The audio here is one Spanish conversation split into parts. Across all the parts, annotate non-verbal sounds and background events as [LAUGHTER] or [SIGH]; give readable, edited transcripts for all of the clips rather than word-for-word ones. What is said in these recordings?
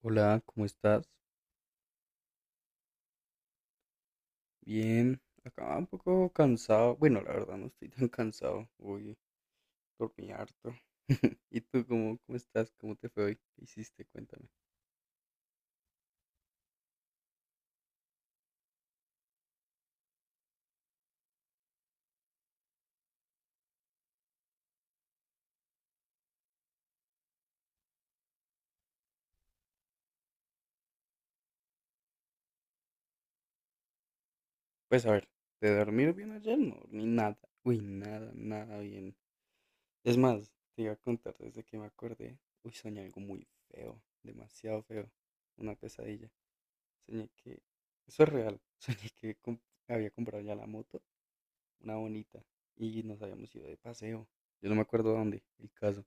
Hola, ¿cómo estás? Bien, acá un poco cansado. Bueno, la verdad no estoy tan cansado. Hoy dormí harto. [LAUGHS] ¿Y tú cómo estás? ¿Cómo te fue hoy? ¿Qué hiciste? Cuéntame. Pues a ver, de dormir bien ayer no dormí nada. Uy, nada, nada bien. Es más, te iba a contar desde que me acordé. Uy, soñé algo muy feo, demasiado feo. Una pesadilla. Soñé que. Eso es real. [LAUGHS] Soñé que había comprado ya la moto. Una bonita, y nos habíamos ido de paseo. Yo no me acuerdo dónde, el caso.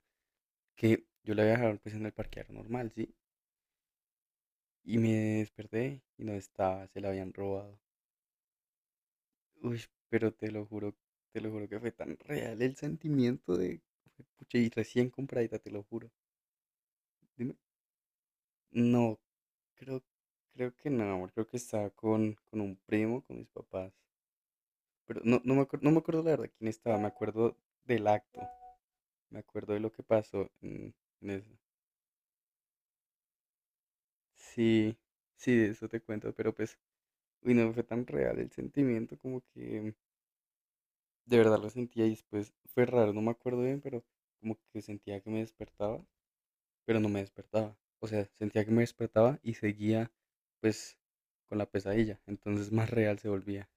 Que yo la había dejado pues en el parqueadero normal, ¿sí? Y me desperté y no estaba, se la habían robado. Uy, pero te lo juro que fue tan real el sentimiento de, pucha, y recién compradita, te lo juro. Dime. No, creo, creo que no, amor, creo que estaba con un primo, con mis papás. Pero no, no me acuerdo la verdad quién estaba, me acuerdo del acto, me acuerdo de lo que pasó en, eso. Sí, sí, de eso te cuento, pero pues, uy, no fue tan real el sentimiento, como que de verdad lo sentía y después fue raro, no me acuerdo bien, pero como que sentía que me despertaba, pero no me despertaba. O sea, sentía que me despertaba y seguía pues con la pesadilla, entonces más real se volvía.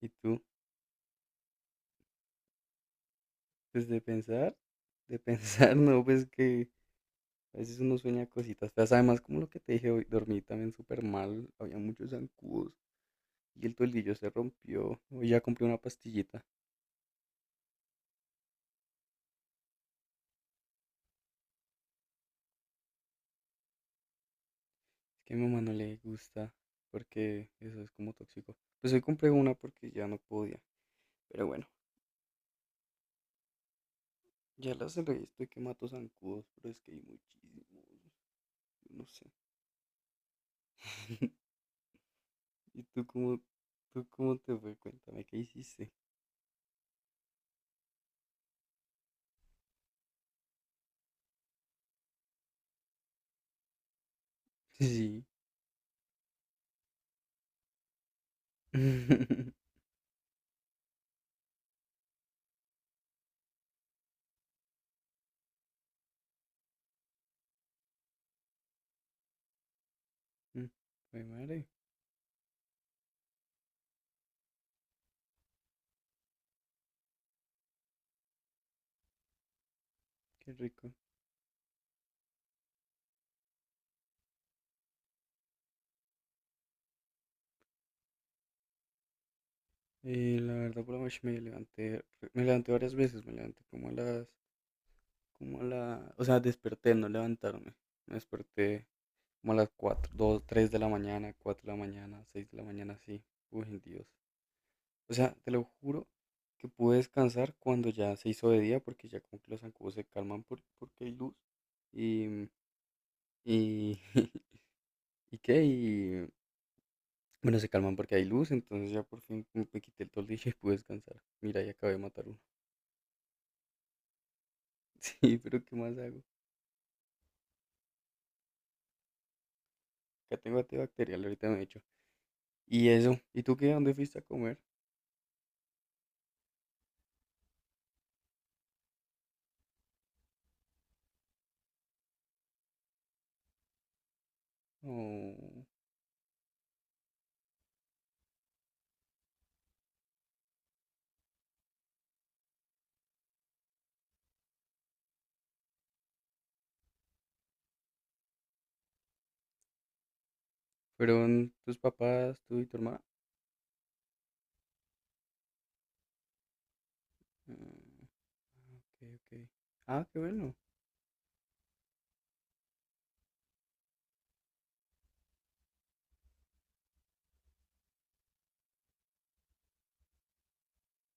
¿Y tú? Pues de pensar, [LAUGHS] no, pues que a veces uno sueña cositas feas, además como lo que te dije hoy, dormí también súper mal, había muchos zancudos. Y el toldillo se rompió. Hoy ya compré una pastillita. Es que a mi mamá no le gusta porque eso es como tóxico. Pues hoy compré una porque ya no podía. Pero bueno, ya las del resto y que mato zancudos, pero es que hay muchísimos. Yo no sé. [LAUGHS] ¿Y tú cómo te fue? Cuéntame, ¿qué hiciste? Sí. [LAUGHS] Ay, madre, qué rico. La verdad, por la noche me levanté varias veces, me levanté como a las, como a la, o sea, desperté, no levantarme. Me desperté como a las 4 2 3 de la mañana, 4 de la mañana, 6 de la mañana, sí. Uy, Dios. O sea, te lo juro que pude descansar cuando ya se hizo de día, porque ya como que los zancudos se calman porque hay luz. Y, mm, y, [LAUGHS] ¿y qué? Y, bueno, se calman porque hay luz, entonces ya por fin como me quité el toldillo y pude descansar. Mira, ya acabé de matar uno. [LAUGHS] Sí, pero ¿qué más hago? Acá tengo antibacterial, ahorita me he hecho. Y eso, ¿y tú qué? ¿Dónde fuiste a comer? ¿O fueron tus papás, tú y tu hermana? Mm. Ok, ok. Ah, qué bueno.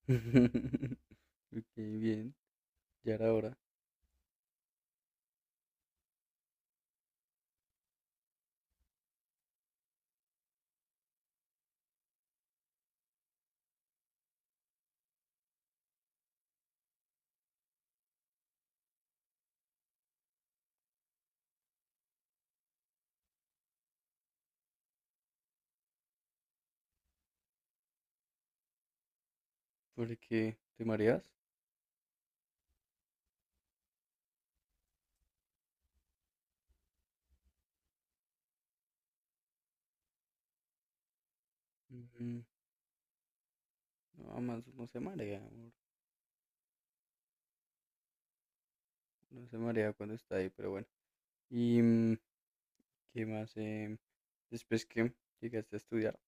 [LAUGHS] Ok, bien. Ya era hora. Porque te mareas. Mm, No, más no se marea, amor. No se marea cuando está ahí, pero bueno. ¿Y qué más? Después que llegaste a estudiar.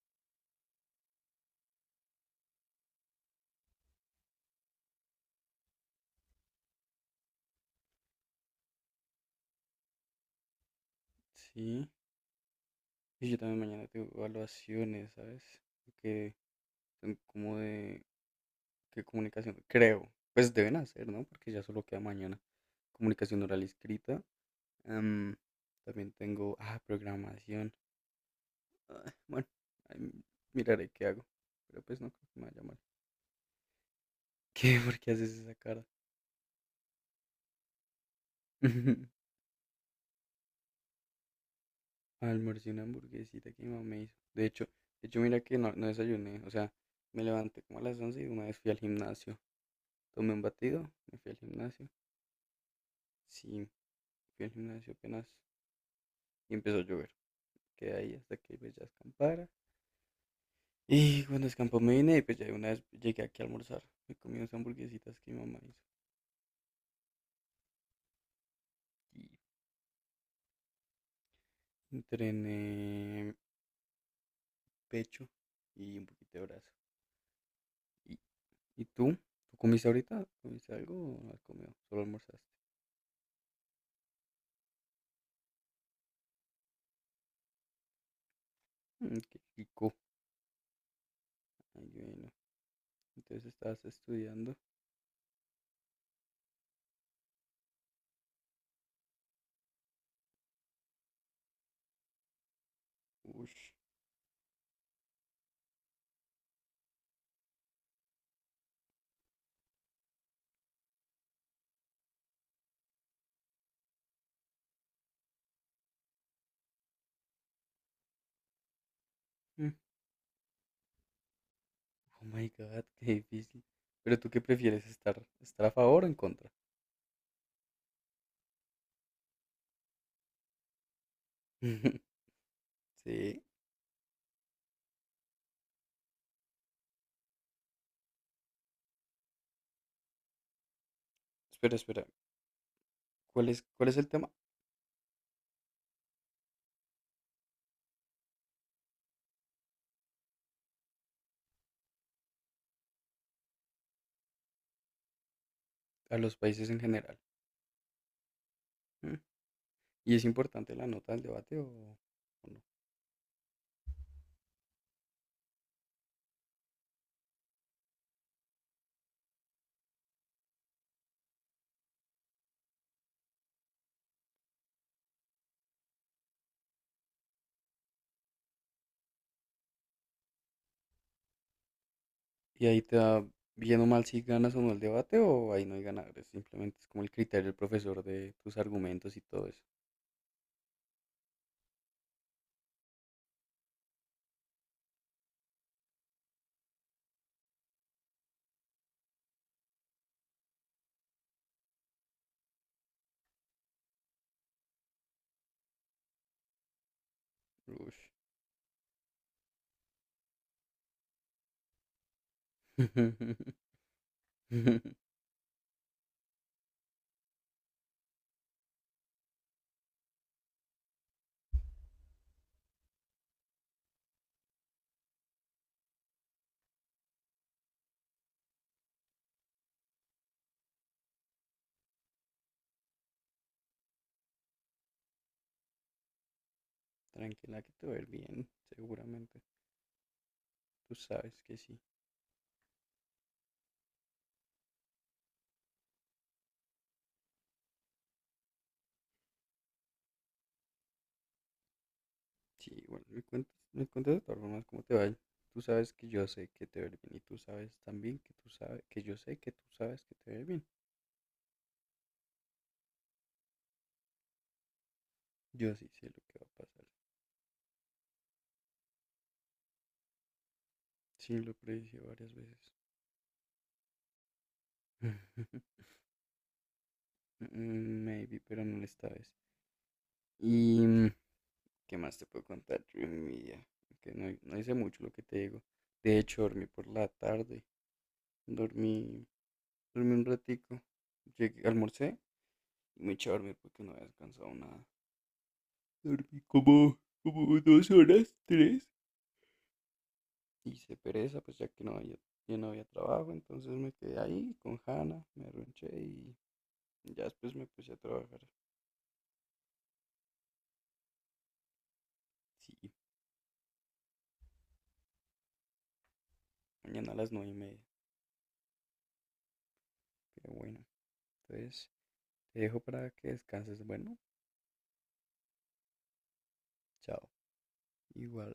Sí. Y yo también mañana tengo evaluaciones, ¿sabes? Que son como de. ¿Qué comunicación? Creo. Pues deben hacer, ¿no? Porque ya solo queda mañana. Comunicación oral y escrita. Em, También tengo. Ah, programación. Ah, bueno, ahí miraré qué hago. Pero pues no creo que me vaya mal. [LAUGHS] ¿Qué? ¿Por qué haces esa cara? [LAUGHS] Almorcé una hamburguesita que mi mamá me hizo. De hecho, mira que no desayuné. O sea, me levanté como a las 11 y de una vez fui al gimnasio. Tomé un batido, me fui al gimnasio. Sí, fui al gimnasio apenas y empezó a llover. Quedé ahí hasta que pues, ya escampara. Y cuando escampó me vine y pues ya de una vez llegué aquí a almorzar. Me comí unas hamburguesitas que mi mamá hizo. Y entrené pecho y un poquito de brazo. ¿Y, y tú? ¿Tú comiste ahorita? ¿Comiste algo o no has comido? Solo almorzaste. Qué rico. Ay, bueno. Entonces estabas estudiando. Ush. Mm, Oh my God, qué difícil. ¿Pero tú qué prefieres? ¿Estar a favor o en contra? [LAUGHS] Sí. Espera, espera. ¿Cuál es el tema? A los países en general. Mm, ¿Y es importante la nota del debate o no? Y ahí te da bien o mal si ganas o no el debate o ahí no hay ganadores. Simplemente es como el criterio del profesor de tus argumentos y todo eso. Ush. [LAUGHS] Tranquila que te va a ir bien, seguramente. Tú sabes que sí. Sí, bueno, me cuentas de todas formas cómo te va. Tú sabes que yo sé que te va a ir bien y tú sabes también que tú sabes que yo sé que tú sabes que te va a ir bien. Yo sí sé lo que va a pasar. Sí, lo predije varias veces. [LAUGHS] Maybe, pero no esta vez. Y ¿qué más te puedo contar? Dreamy, ya, que no hice mucho lo que te digo. De hecho, dormí por la tarde. Dormí, dormí un ratico. Llegué, almorcé y me eché a dormir porque no había descansado nada. Dormí como 2 horas, tres. Hice pereza, pues ya que ya no había trabajo. Entonces me quedé ahí con Hanna, me arronché y ya después me puse a trabajar. Sí, mañana a las 9:30. Qué bueno. Entonces, te dejo para que descanses. Bueno, chao. Igual.